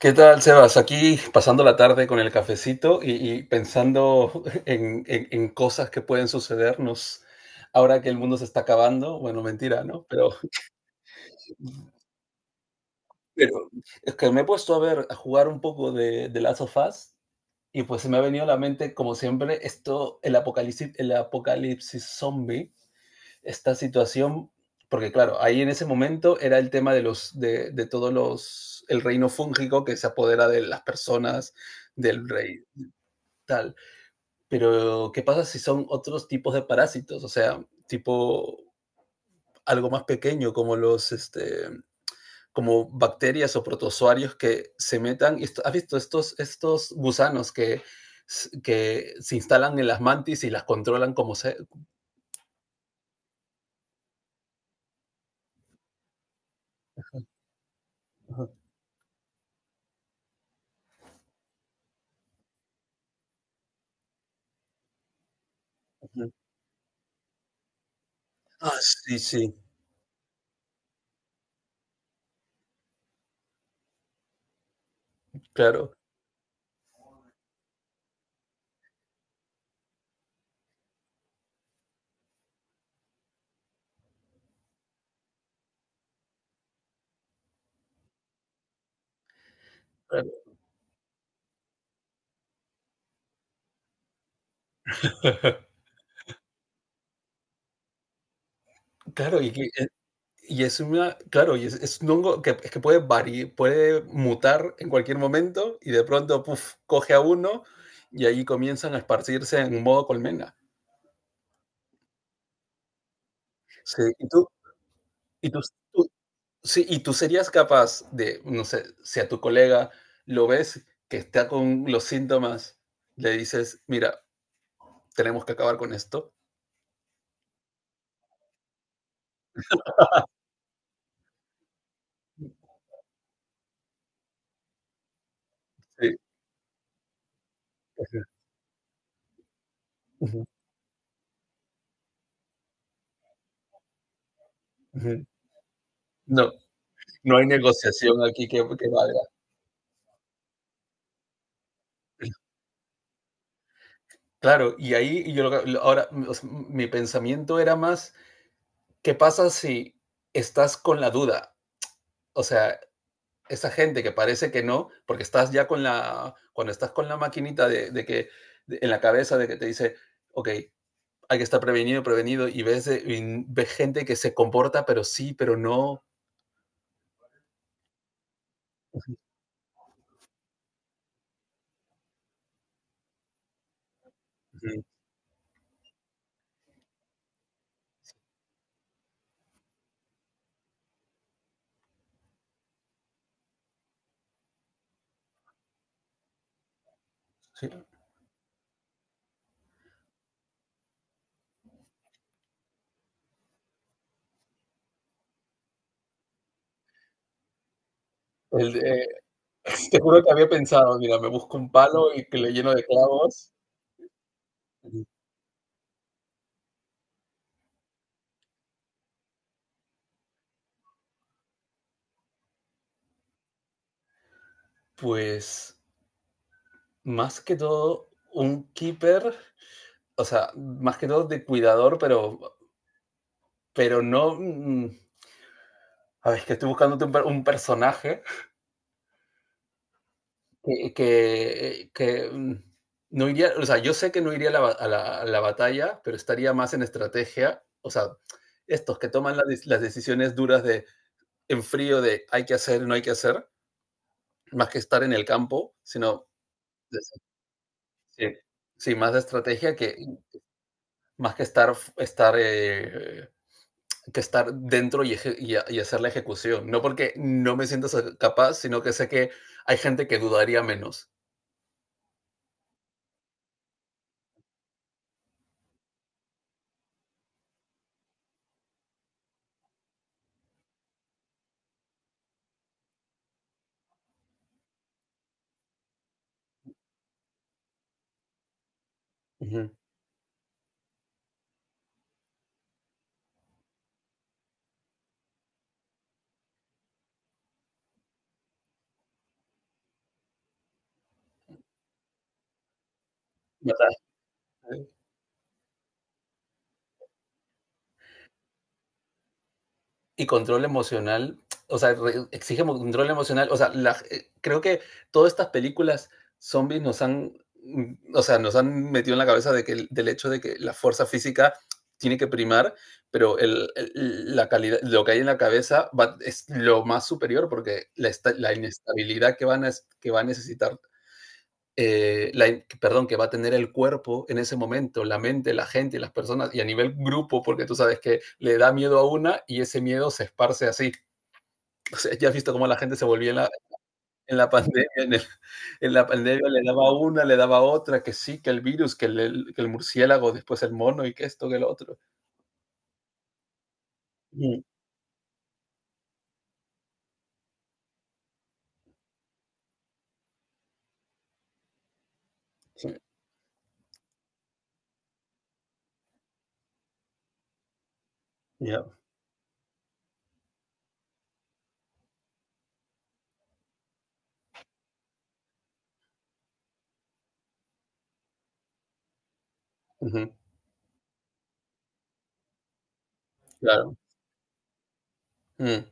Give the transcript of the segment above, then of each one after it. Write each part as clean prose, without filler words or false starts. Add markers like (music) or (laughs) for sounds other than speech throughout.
¿Qué tal, Sebas? Aquí pasando la tarde con el cafecito y pensando en cosas que pueden sucedernos ahora que el mundo se está acabando. Bueno, mentira, ¿no? Pero es que me he puesto a ver, a jugar un poco de Last of Us, y pues se me ha venido a la mente, como siempre, esto, el apocalipsis zombie, esta situación. Porque claro, ahí en ese momento era el tema de el reino fúngico que se apodera de las personas, del rey tal. Pero, ¿qué pasa si son otros tipos de parásitos? O sea, tipo algo más pequeño, como los, este, como bacterias o protozoarios que se metan. ¿Has visto estos gusanos que se instalan en las mantis y las controlan como se. Ah, sí, sí, claro. Claro, (laughs) claro, y que Y es una, claro, y es un hongo que es que puede variar, puede mutar en cualquier momento y de pronto, puf, coge a uno y ahí comienzan a esparcirse en modo colmena. Sí, y tú, tú- sí, y tú serías capaz de, no sé, si a tu colega lo ves que está con los síntomas, le dices, mira, tenemos que acabar con esto. Sí, ujú, ujú, ujú. No, no hay negociación aquí que valga. Claro, y ahí yo ahora, o sea, mi pensamiento era más, ¿qué pasa si estás con la duda? O sea, esa gente que parece que no, porque estás ya cuando estás con la maquinita en la cabeza de que te dice, ok, hay que estar prevenido, prevenido, y ves gente que se comporta, pero sí, pero no. Ujú, sí. El de- (laughs) Te juro que había pensado, mira, me busco un palo y que le lleno de clavos. Ujú. Pues más que todo, un keeper. O sea, más que todo de cuidador. Pero, pero no. A ver, es que estoy buscándote un personaje que no iría. O sea, yo sé que no iría a la batalla, pero estaría más en estrategia. O sea, estos que toman las decisiones duras de en frío, de hay que hacer, no hay que hacer, más que estar en el campo, sino de- sí, sí, más de estrategia que más que estar, estar, que estar dentro y y hacer la ejecución. No porque no me siento capaz, sino que sé que hay gente que dudaría menos. Ujú. ¿Verdad? Sí. Y control emocional. O sea, exige control emocional. O sea, la creo que todas estas películas zombies nos han, nos han metido en la cabeza de que del hecho de que la fuerza física tiene que primar, pero la calidad, lo que hay en la cabeza es lo más superior, porque la inestabilidad que va a necesitar eh, la, perdón, que va a tener el cuerpo en ese momento, la mente, la gente, las personas, y a nivel grupo, porque tú sabes que le da miedo a una y ese miedo se esparce así. (laughs) O sea, ya has visto cómo la gente se volvía en la pandemia, en, el, en, la pandemia. Le daba una, le daba otra, que sí, que el virus, que el murciélago, después el mono, y que esto, que el otro. Mm, sí, yeah. Uh -huh, claro. Mm,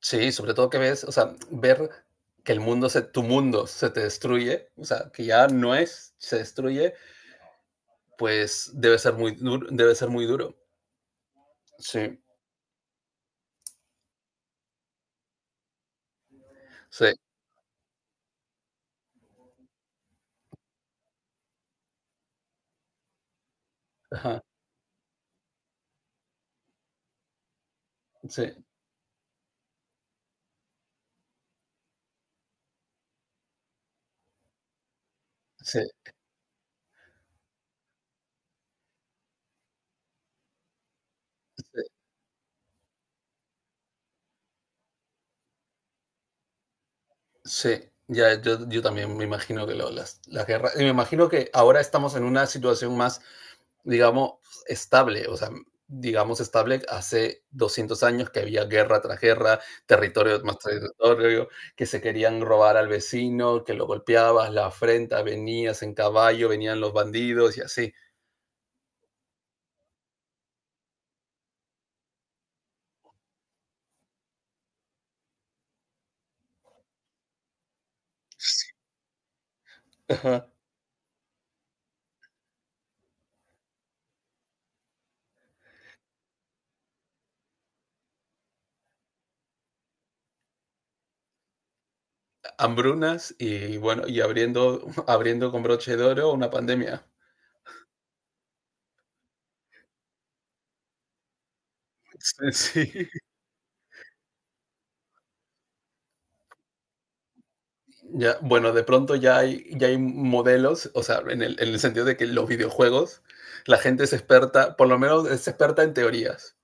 sí, sobre todo que ves, o sea, ver que el mundo, tu mundo se te destruye, o sea, que ya no es, se destruye, pues debe ser muy duro, debe ser muy duro. Sí. Sí, ajá, sí, sí, sí, sí. Ya, yo también me imagino las guerras, y me imagino que ahora estamos en una situación más, digamos, estable. O sea, digamos estable, hace 200 años que había guerra tras guerra, territorio tras territorio, que se querían robar al vecino, que lo golpeabas, la afrenta, venías en caballo, venían los bandidos y así. Ajá. Hambrunas y, bueno, y abriendo, (laughs) abriendo con broche de oro una pandemia. Sí, sí. Ya, bueno, de pronto ya hay, modelos, o sea, en el sentido de que los videojuegos, la gente es experta, por lo menos es experta en teorías.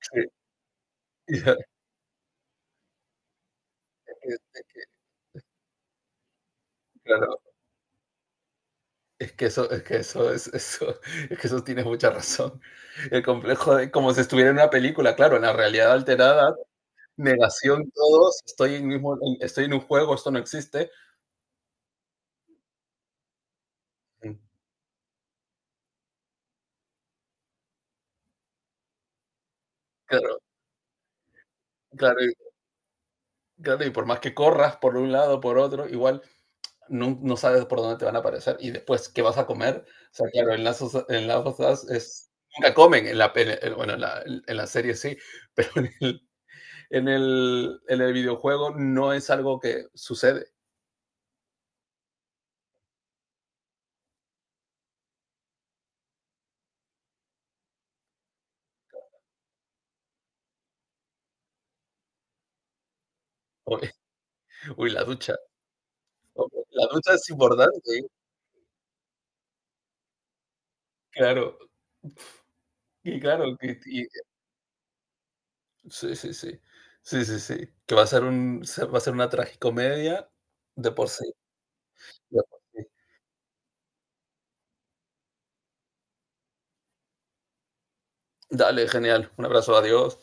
Sí, (laughs) y ya, eh, claro, es que eso, es que eso, tienes mucha razón. El complejo de como si estuviera en una película, claro, en la realidad alterada, negación todos, estoy en un juego, esto no existe. Claro, claro, claro, y por más que corras por un lado, por otro, igual no sabes por dónde te van a aparecer y después qué vas a comer. O sea, claro, en las cosas es, nunca comen, en la, bueno, en la serie sí, (laughs) pero en el videojuego no es algo que sucede. Uy, uy, la ducha. Ok, la ducha es importante, ¿eh? Claro. Y claro, sí, sí, sí. Sí, sí, sí. Que va a ser una tragicomedia de por sí. De por sí. Dale, genial. Un abrazo, adiós.